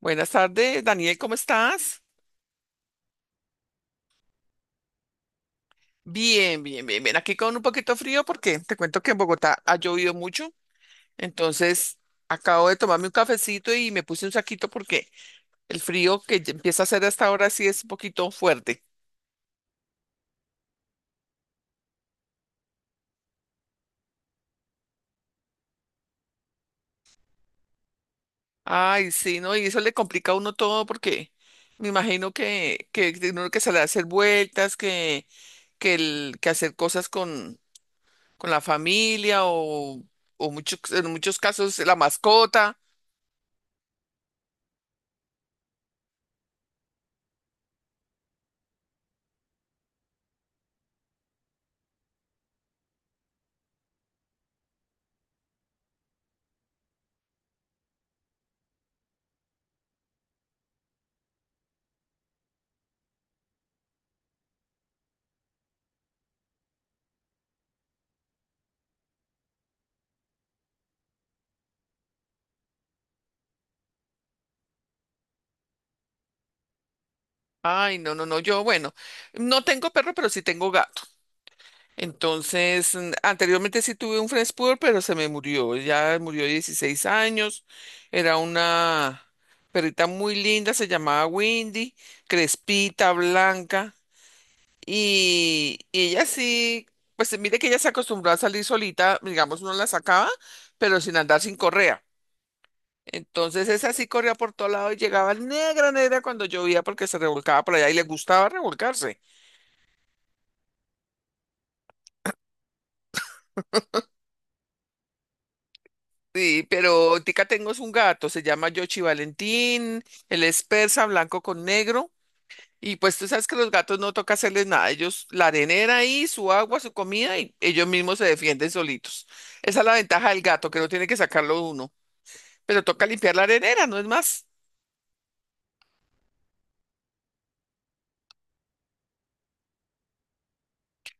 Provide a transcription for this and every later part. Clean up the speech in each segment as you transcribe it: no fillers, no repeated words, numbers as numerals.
Buenas tardes, Daniel, ¿cómo estás? Bien, bien, bien, bien. Aquí con un poquito frío porque te cuento que en Bogotá ha llovido mucho. Entonces, acabo de tomarme un cafecito y me puse un saquito porque el frío que ya empieza a hacer hasta ahora sí es un poquito fuerte. Ay, sí, ¿no? Y eso le complica a uno todo porque me imagino que tiene uno que salir a hacer vueltas, que hacer cosas con la familia o en muchos casos la mascota. Ay, no, no, no, bueno, no tengo perro, pero sí tengo gato. Entonces, anteriormente sí tuve un French Poodle, pero se me murió. Ya murió de 16 años. Era una perrita muy linda, se llamaba Windy, crespita, blanca. Y ella sí, pues mire que ella se acostumbró a salir solita, digamos, uno la sacaba, pero sin andar sin correa. Entonces esa sí corría por todo lado y llegaba negra, negra cuando llovía porque se revolcaba por allá y le gustaba revolcarse. Sí, pero tica tengo es un gato, se llama Yoshi Valentín, él es persa, blanco con negro, y pues tú sabes que los gatos no toca hacerles nada, ellos la arenera ahí, su agua, su comida, y ellos mismos se defienden solitos. Esa es la ventaja del gato, que no tiene que sacarlo uno, pero toca limpiar la arenera, no es más.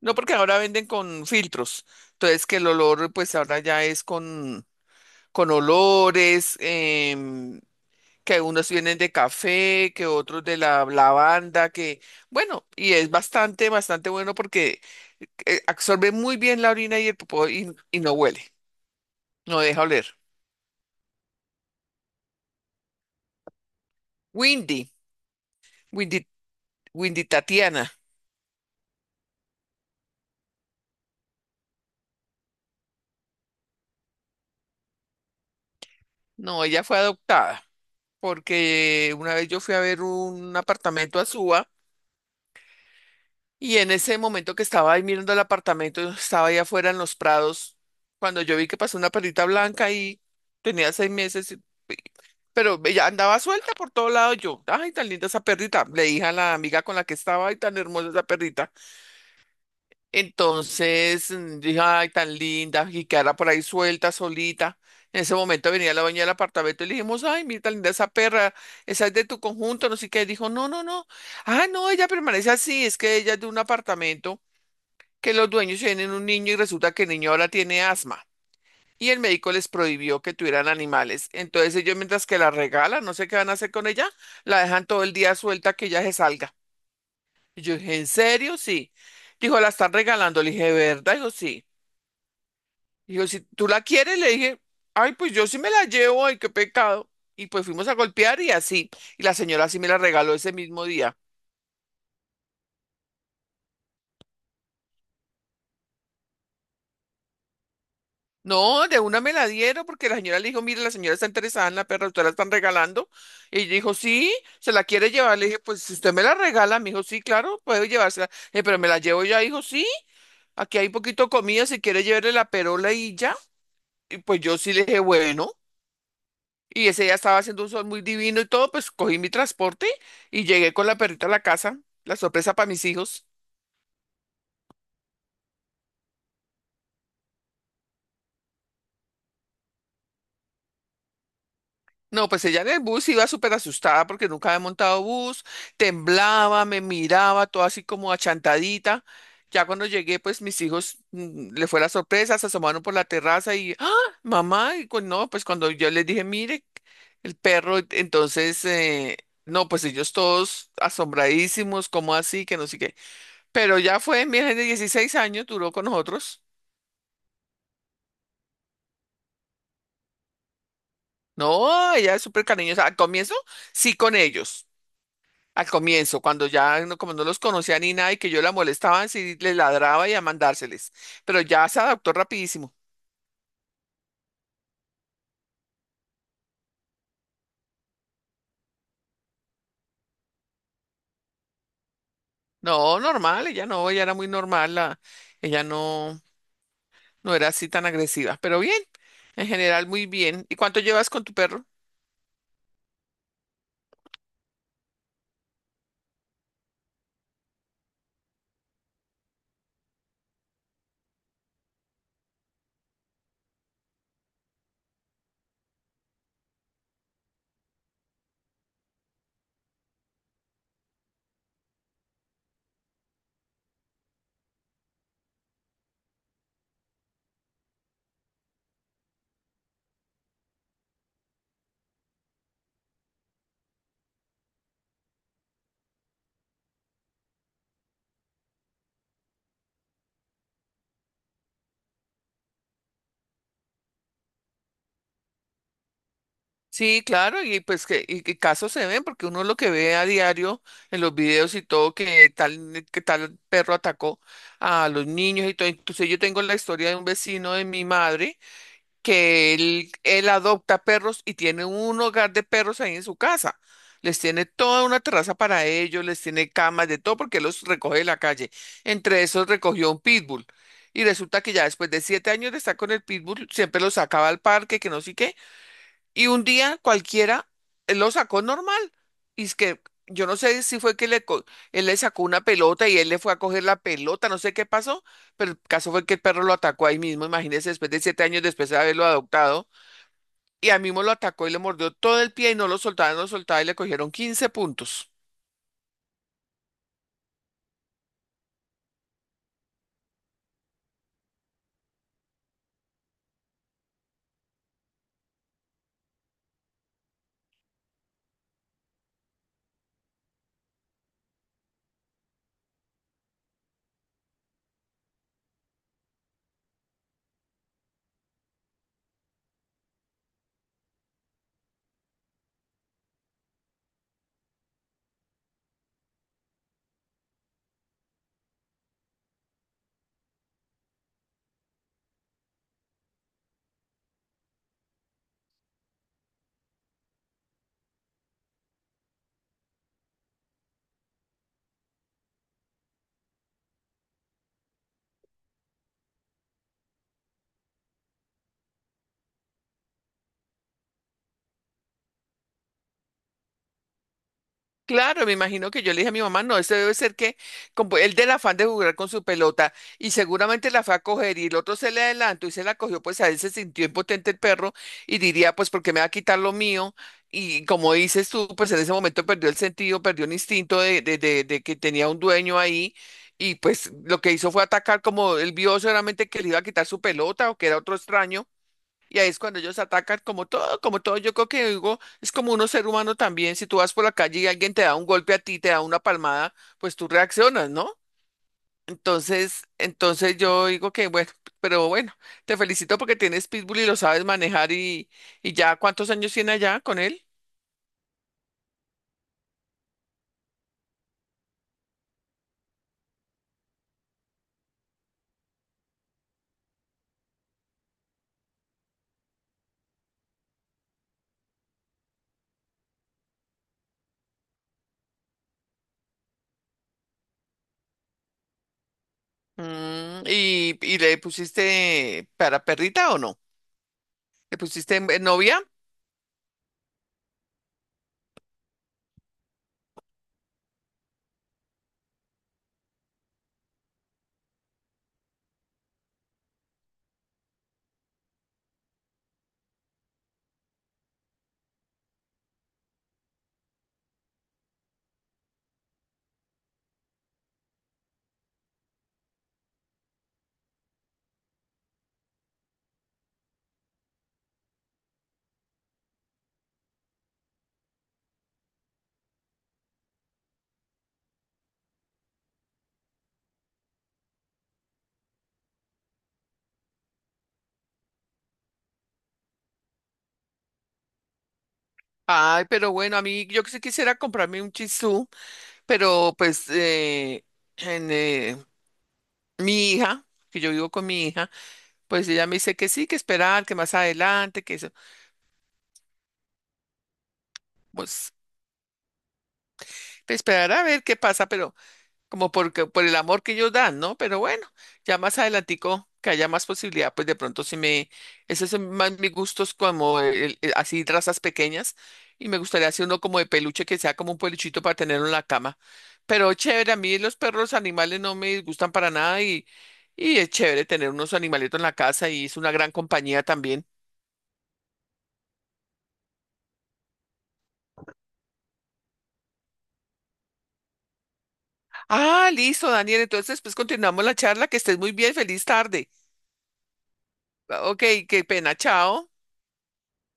No porque ahora venden con filtros, entonces que el olor pues ahora ya es con olores, que unos vienen de café, que otros de la lavanda, que bueno, y es bastante, bastante bueno porque absorbe muy bien la orina y el popó y no huele, no deja oler. Windy. Windy. Windy Tatiana. No, ella fue adoptada porque una vez yo fui a ver un apartamento a Suba y en ese momento que estaba ahí mirando el apartamento, estaba ahí afuera en los prados, cuando yo vi que pasó una perrita blanca y tenía 6 meses. Pero ella andaba suelta por todo lado yo. Ay, tan linda esa perrita. Le dije a la amiga con la que estaba, ay, tan hermosa esa perrita. Entonces dije, ay, tan linda, y quedara por ahí suelta, solita. En ese momento venía la dueña del apartamento y le dijimos, ay, mira, tan linda esa perra, esa es de tu conjunto, no sé qué. Dijo, no, no, no. Ah, no, ella permanece así, es que ella es de un apartamento que los dueños tienen un niño y resulta que el niño ahora tiene asma y el médico les prohibió que tuvieran animales. Entonces ellos mientras que la regalan, no sé qué van a hacer con ella, la dejan todo el día suelta que ella se salga. Y yo dije, ¿en serio? Sí. Dijo, la están regalando. Le dije, ¿verdad? Dijo, sí. Dijo, si tú la quieres, le dije, ay, pues yo sí me la llevo, ay, qué pecado. Y pues fuimos a golpear y así. Y la señora sí me la regaló ese mismo día. No, de una me la dieron porque la señora le dijo, mire, la señora está interesada en la perra, usted la están regalando. Y dijo, sí, se la quiere llevar. Le dije, pues si usted me la regala, me dijo, sí, claro, puedo llevársela. Le dije, pero me la llevo ya, dijo, sí, aquí hay poquito de comida, si quiere llevarle la perola y ya. Y pues yo sí le dije, bueno. Y ese día estaba haciendo un sol muy divino y todo, pues cogí mi transporte y llegué con la perrita a la casa, la sorpresa para mis hijos. No, pues ella en el bus iba súper asustada porque nunca había montado bus, temblaba, me miraba, todo así como achantadita. Ya cuando llegué, pues mis hijos le fue la sorpresa, se asomaron por la terraza y, ¡ah, mamá! Y no, pues cuando yo les dije, mire, el perro, entonces, no, pues ellos todos asombradísimos, ¿cómo así? Que no sé qué. Pero ya fue, mi hija de 16 años duró con nosotros. No, ella es súper cariñosa. Al comienzo, sí con ellos. Al comienzo, cuando ya no, como no los conocía ni nada y que yo la molestaba, sí les ladraba y a mandárseles. Pero ya se adaptó rapidísimo. No, normal, ella no, ella era muy normal, la, ella no, no era así tan agresiva. Pero bien, en general muy bien. ¿Y cuánto llevas con tu perro? Sí, claro, y pues que y casos se ven, porque uno lo que ve a diario en los videos y todo, que tal perro atacó a los niños y todo. Entonces yo tengo la historia de un vecino de mi madre que él adopta perros y tiene un hogar de perros ahí en su casa. Les tiene toda una terraza para ellos, les tiene camas, de todo, porque él los recoge de la calle. Entre esos recogió un pitbull. Y resulta que ya después de 7 años de estar con el pitbull, siempre lo sacaba al parque, que no sé qué, y un día cualquiera él lo sacó normal. Y es que yo no sé si fue que él le sacó una pelota y él le fue a coger la pelota, no sé qué pasó, pero el caso fue que el perro lo atacó ahí mismo. Imagínese, después de 7 años después de haberlo adoptado, y a mí mismo lo atacó y le mordió todo el pie y no lo soltaba, no lo soltaba y le cogieron 15 puntos. Claro, me imagino que yo le dije a mi mamá, no, este debe ser que como él del afán de jugar con su pelota y seguramente la fue a coger y el otro se le adelantó y se la cogió, pues a él se sintió impotente el perro y diría, pues porque me va a quitar lo mío y como dices tú, pues en ese momento perdió el sentido, perdió el instinto de que tenía un dueño ahí y pues lo que hizo fue atacar como él vio seguramente que le iba a quitar su pelota o que era otro extraño y ahí es cuando ellos atacan como todo, como todo. Yo creo que digo, es como uno ser humano también. Si tú vas por la calle y alguien te da un golpe a ti, te da una palmada, pues tú reaccionas, ¿no? Entonces, entonces yo digo que bueno, pero bueno, te felicito porque tienes pitbull y lo sabes manejar y ya, ¿cuántos años tiene allá con él? Mm, y le pusiste para perrita o no? ¿Te pusiste en novia? Ay, pero bueno, a mí yo que sí quisiera comprarme un chisú, pero pues en, mi hija, que yo vivo con mi hija, pues ella me dice que sí, que esperar, que más adelante, que eso, pues esperar a ver qué pasa, pero como porque, por el amor que ellos dan, ¿no? Pero bueno, ya más adelantico que haya más posibilidad, pues de pronto sí me, esos son más mis gustos como así razas pequeñas y me gustaría hacer uno como de peluche que sea como un peluchito para tenerlo en la cama. Pero chévere, a mí los perros animales no me gustan para nada y, y es chévere tener unos animalitos en la casa y es una gran compañía también. Ah, listo, Daniel, entonces pues continuamos la charla, que estés muy bien, feliz tarde. Ok, qué pena, chao.